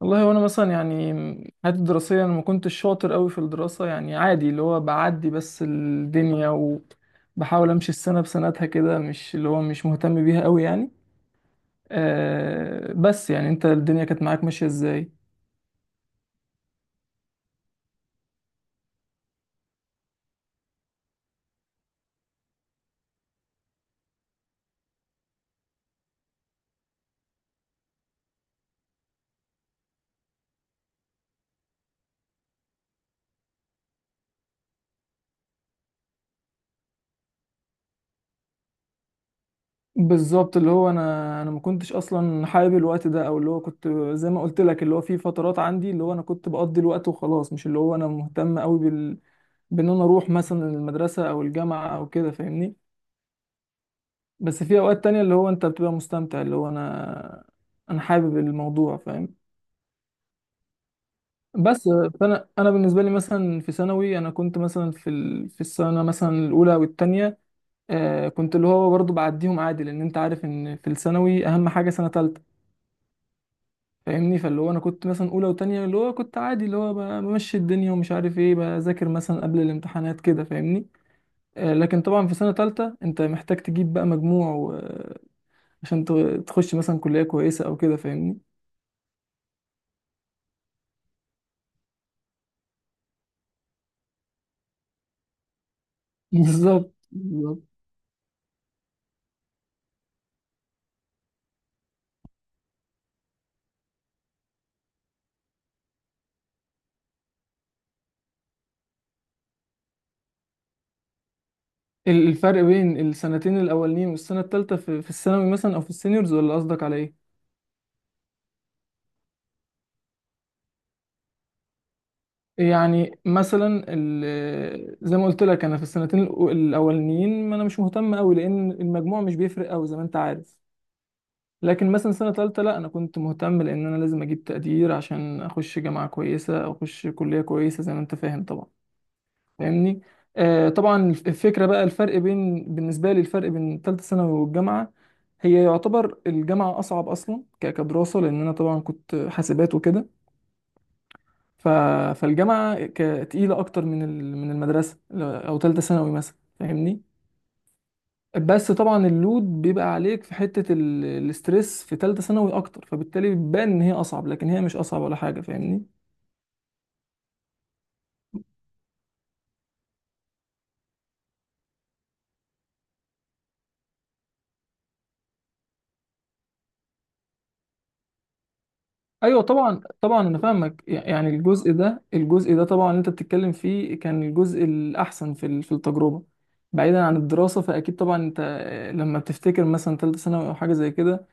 والله وانا مثلا يعني حياتي الدراسيه انا ما كنتش شاطر قوي في الدراسه يعني عادي اللي هو بعدي بس الدنيا، وبحاول امشي السنه بسنتها كده، مش اللي هو مش مهتم بيها قوي يعني. بس يعني انت الدنيا كانت معاك ماشيه ازاي؟ بالظبط، اللي هو انا ما كنتش اصلا حابب الوقت ده، او اللي هو كنت زي ما قلت لك، اللي هو في فترات عندي اللي هو انا كنت بقضي الوقت وخلاص، مش اللي هو انا مهتم قوي بال، بان انا اروح مثلا المدرسه او الجامعه او كده، فاهمني. بس في اوقات تانية اللي هو انت بتبقى مستمتع، اللي هو انا حابب الموضوع، فاهم. بس فانا بالنسبه لي مثلا في ثانوي انا كنت مثلا في ال... في السنه مثلا الاولى والتانية، آه كنت اللي هو برضو بعديهم عادي، لان انت عارف ان في الثانوي اهم حاجه سنه تالتة، فاهمني. فاللي هو انا كنت مثلا اولى وتانية اللي هو كنت عادي، اللي هو بمشي الدنيا ومش عارف ايه، بذاكر مثلا قبل الامتحانات كده فاهمني. آه لكن طبعا في سنه تالتة انت محتاج تجيب بقى مجموع و... عشان تخش مثلا كليه كويسه او كده، فاهمني. بالظبط. ال، الفرق بين السنتين الاولانيين والسنه الثالثه في الثانوي مثلا، او في السينيورز، ولا قصدك على ايه؟ يعني مثلا ال، زي ما قلت لك، انا في السنتين الاولانيين ما انا مش مهتم قوي، لان المجموع مش بيفرق قوي زي ما انت عارف. لكن مثلا سنه ثالثه لا، انا كنت مهتم لان انا لازم اجيب تقدير عشان اخش جامعه كويسه او اخش كليه كويسه زي ما انت فاهم طبعا، فاهمني. آه طبعا الفكره بقى، الفرق بين، بالنسبه لي الفرق بين ثالثه ثانوي والجامعه، هي يعتبر الجامعه اصعب اصلا كدراسه، لان انا طبعا كنت حاسبات وكده، ف... فالجامعه تقيله اكتر من ال... من المدرسه، او ثالثه ثانوي مثلا فاهمني. بس طبعا اللود بيبقى عليك في حته ال... الاسترس في ثالثه ثانوي اكتر، فبالتالي بتبان ان هي اصعب، لكن هي مش اصعب ولا حاجه، فاهمني. ايوه طبعا، انا فاهمك يعني. الجزء ده طبعا اللي انت بتتكلم فيه كان الجزء الاحسن في ال، في التجربه بعيدا عن الدراسه. فاكيد طبعا انت لما بتفتكر مثلا ثالثه ثانوي او حاجه زي كده،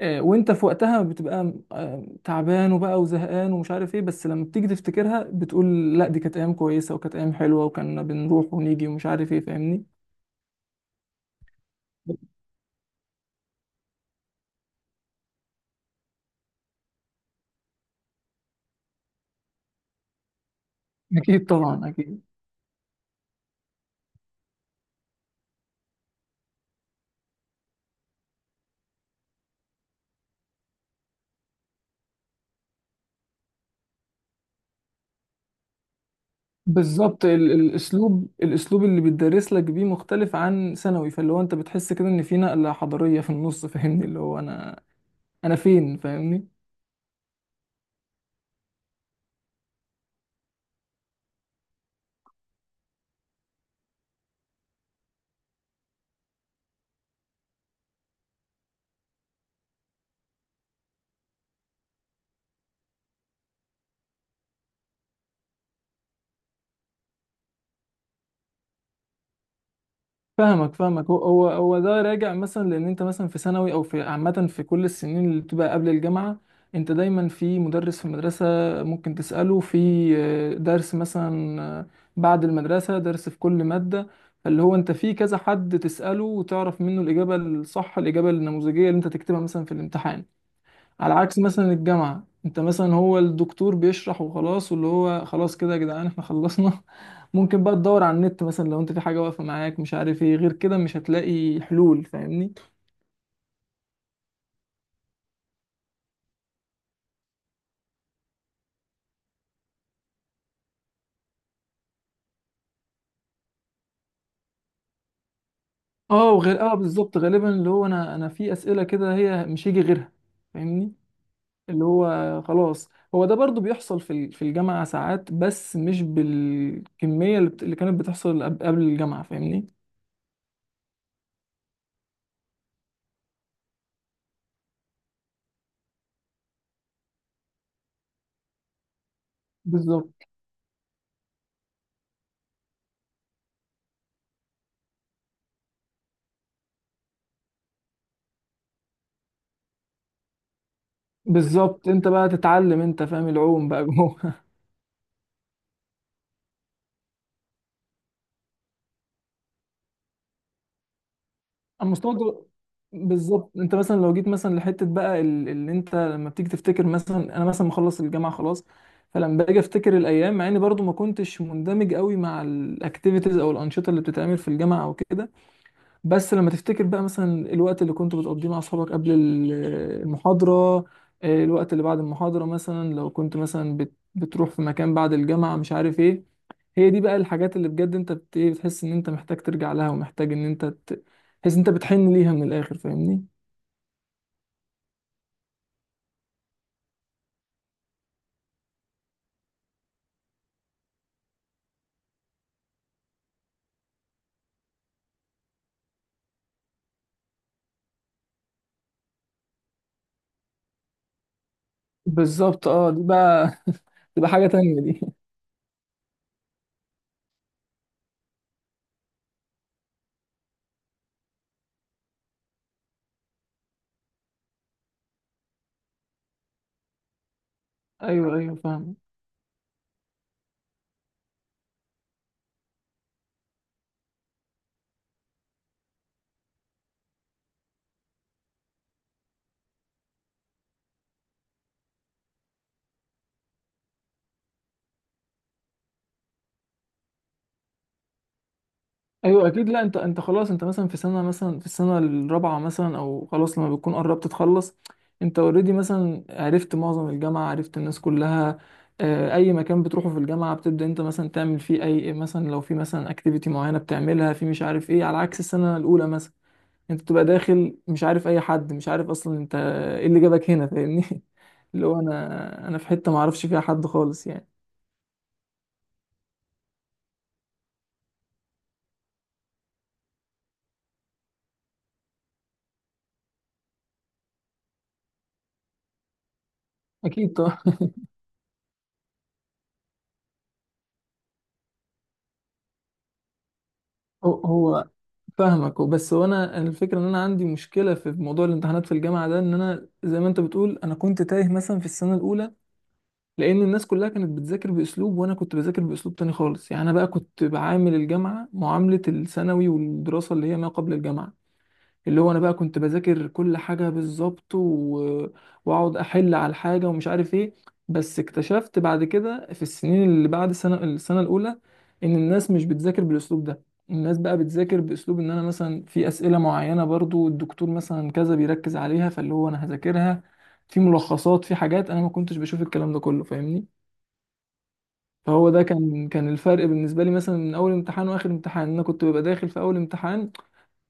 وانت في وقتها بتبقى تعبان وبقى وزهقان ومش عارف ايه، بس لما بتيجي تفتكرها بتقول لا دي كانت ايام كويسه وكانت ايام حلوه، وكنا بنروح ونيجي ومش عارف ايه، فاهمني. اكيد طبعا اكيد. بالظبط، ال، الاسلوب اللي بيدرس لك بيه مختلف عن ثانوي، فاللي هو انت بتحس كده ان في نقله حضاريه في النص، فاهمني، اللي هو انا فين، فاهمني. فاهمك فاهمك، هو ده راجع مثلا لان انت مثلا في ثانوي او في عامه في كل السنين اللي بتبقى قبل الجامعه، انت دايما في مدرس في المدرسه، ممكن تساله في درس مثلا، بعد المدرسه درس في كل ماده، اللي هو انت في كذا حد تساله وتعرف منه الاجابه الصح، الاجابه النموذجيه اللي انت تكتبها مثلا في الامتحان. على عكس مثلا الجامعة، انت مثلا هو الدكتور بيشرح وخلاص، واللي هو خلاص كده يا جدعان احنا خلصنا ممكن بقى تدور على النت مثلا لو انت في حاجة واقفة معاك مش عارف ايه، غير كده مش هتلاقي حلول، فاهمني. اه وغير اه، بالظبط. غالبا اللي هو انا، انا في اسئلة كده هي مش هيجي غيرها، فاهمني، اللي هو خلاص. هو ده برضو بيحصل في ال، في الجامعة ساعات، بس مش بالكمية اللي كانت بتحصل قبل الجامعة فاهمني. بالظبط بالظبط، انت بقى تتعلم انت فاهم العوم بقى جوه. المستوى الدو- بالظبط. انت مثلا لو جيت مثلا لحته بقى ال، اللي انت لما بتيجي تفتكر، مثلا انا مثلا مخلص الجامعه خلاص، فلما باجي افتكر الايام، مع اني برضو ما كنتش مندمج قوي مع الاكتيفيتيز او الانشطه اللي بتتعمل في الجامعه او كده، بس لما تفتكر بقى مثلا الوقت اللي كنت بتقضيه مع اصحابك قبل ال، المحاضره، الوقت اللي بعد المحاضره مثلا لو كنت مثلا بتروح في مكان بعد الجامعه مش عارف ايه، هي دي بقى الحاجات اللي بجد انت بت... ايه، بتحس ان انت محتاج ترجع لها ومحتاج ان انت تحس ان انت بتحن ليها من الاخر، فاهمني. بالظبط، اه دي بقى تبقى حاجة تانية دي. ايوه فاهم. ايوه اكيد، لا انت، انت خلاص، انت مثلا في سنة مثلا في السنة الرابعة مثلا، او خلاص لما بتكون قربت تخلص، انت اوريدي مثلا عرفت معظم الجامعة، عرفت الناس كلها، اي مكان بتروحه في الجامعة بتبدأ انت مثلا تعمل فيه اي، مثلا لو في مثلا اكتيفيتي معينة بتعملها في مش عارف ايه، على عكس السنة الاولى مثلا، انت بتبقى داخل مش عارف اي حد، مش عارف اصلا انت ايه اللي جابك هنا، فاهمني اللي هو انا في حته ما اعرفش فيها حد خالص يعني. اكيد طبعا. هو فاهمك. بس هو انا الفكره ان انا عندي مشكله في موضوع الامتحانات في الجامعه ده، ان انا زي ما انت بتقول، انا كنت تايه مثلا في السنه الاولى، لان الناس كلها كانت بتذاكر باسلوب، وانا كنت بذاكر باسلوب تاني خالص يعني. انا بقى كنت بعامل الجامعه معامله الثانوي والدراسه اللي هي ما قبل الجامعه، اللي هو انا بقى كنت بذاكر كل حاجه بالظبط و... واقعد احل على الحاجه ومش عارف ايه. بس اكتشفت بعد كده في السنين اللي بعد السنه، السنه الاولى، ان الناس مش بتذاكر بالاسلوب ده، الناس بقى بتذاكر باسلوب ان انا مثلا في اسئله معينه برضو الدكتور مثلا كذا بيركز عليها، فاللي هو انا هذاكرها، في ملخصات، في حاجات انا ما كنتش بشوف الكلام ده كله، فاهمني. فهو ده كان الفرق بالنسبه لي، مثلا من اول امتحان واخر امتحان، انا كنت ببقى داخل في اول امتحان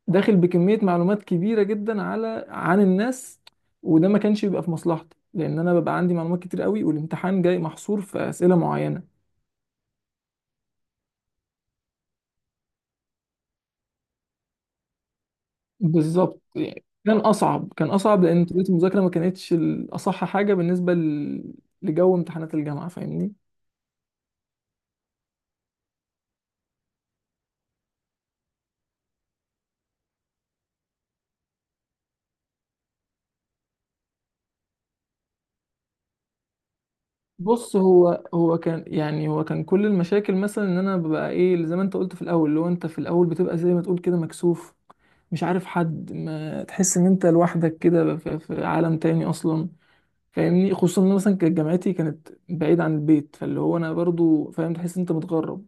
داخل بكمية معلومات كبيرة جدا على عن الناس، وده ما كانش بيبقى في مصلحتي لأن أنا ببقى عندي معلومات كتير قوي، والامتحان جاي محصور في أسئلة معينة. بالظبط، يعني كان أصعب، كان أصعب لأن طريقة المذاكرة ما كانتش الأصح حاجة بالنسبة لجو امتحانات الجامعة، فاهمني. بص، هو كان، يعني هو كان كل المشاكل مثلا ان انا ببقى ايه، اللي زي ما انت قلت في الاول، اللي هو انت في الاول بتبقى زي ما تقول كده مكسوف، مش عارف حد، ما تحس ان انت لوحدك كده في، في عالم تاني اصلا، فاهمني. خصوصا ان مثلا كانت جامعتي كانت بعيد عن البيت، فاللي هو انا برضو فاهم تحس إن انت متغرب،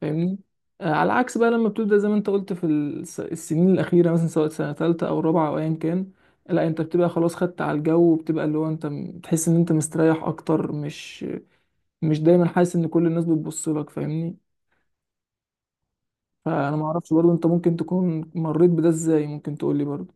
فاهمني. آه على العكس بقى لما بتبدا زي ما انت قلت في السنين الاخيره، مثلا سواء سنه ثالثه او رابعه او ايا كان، لا انت بتبقى خلاص خدت على الجو، وبتبقى اللي هو انت تحس ان انت مستريح اكتر، مش مش دايما حاسس ان كل الناس بتبص لك، فاهمني. فانا ما اعرفش برضو انت ممكن تكون مريت بده ازاي، ممكن تقول لي برضو.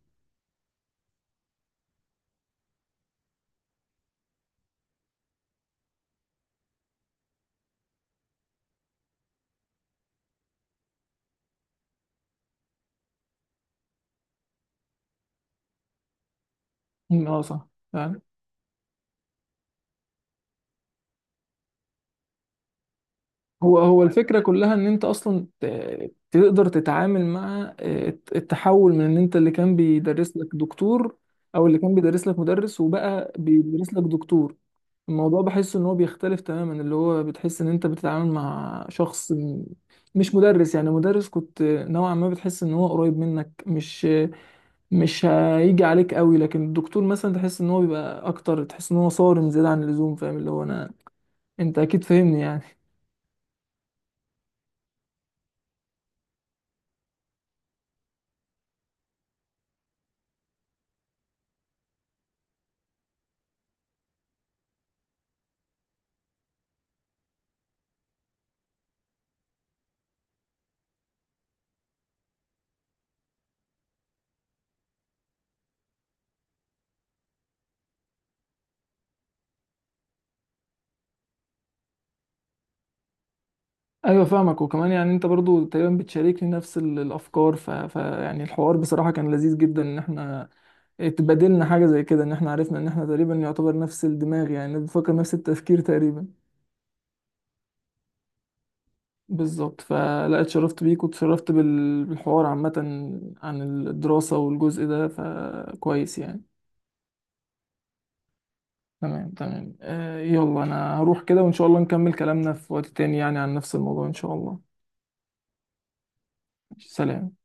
م، اه صح، فعلا. هو الفكرة كلها ان انت اصلا تقدر تتعامل مع التحول من ان انت اللي كان بيدرس لك دكتور، او اللي كان بيدرس لك مدرس وبقى بيدرس لك دكتور، الموضوع بحس ان هو بيختلف تماما، اللي هو بتحس ان انت بتتعامل مع شخص مش مدرس يعني. مدرس كنت نوعا ما بتحس ان هو قريب منك، مش مش هيجي عليك قوي، لكن الدكتور مثلا تحس ان هو بيبقى اكتر، تحس ان هو صارم زيادة عن اللزوم، فاهم، اللي هو انا، انت اكيد فاهمني يعني. ايوه فاهمك، وكمان يعني انت برضو تقريبا بتشاركني نفس ال، الافكار، ف... ف يعني الحوار بصراحه كان لذيذ جدا، ان احنا اتبادلنا حاجه زي كده، ان احنا عرفنا ان احنا تقريبا يعتبر نفس الدماغ، يعني بنفكر نفس التفكير تقريبا. بالظبط فلا، اتشرفت بيك واتشرفت بال، بالحوار عامه عن الدراسه والجزء ده، فكويس يعني. تمام آه، يلا انا هروح كده، وان شاء الله نكمل كلامنا في وقت تاني يعني عن نفس الموضوع ان شاء الله. سلام.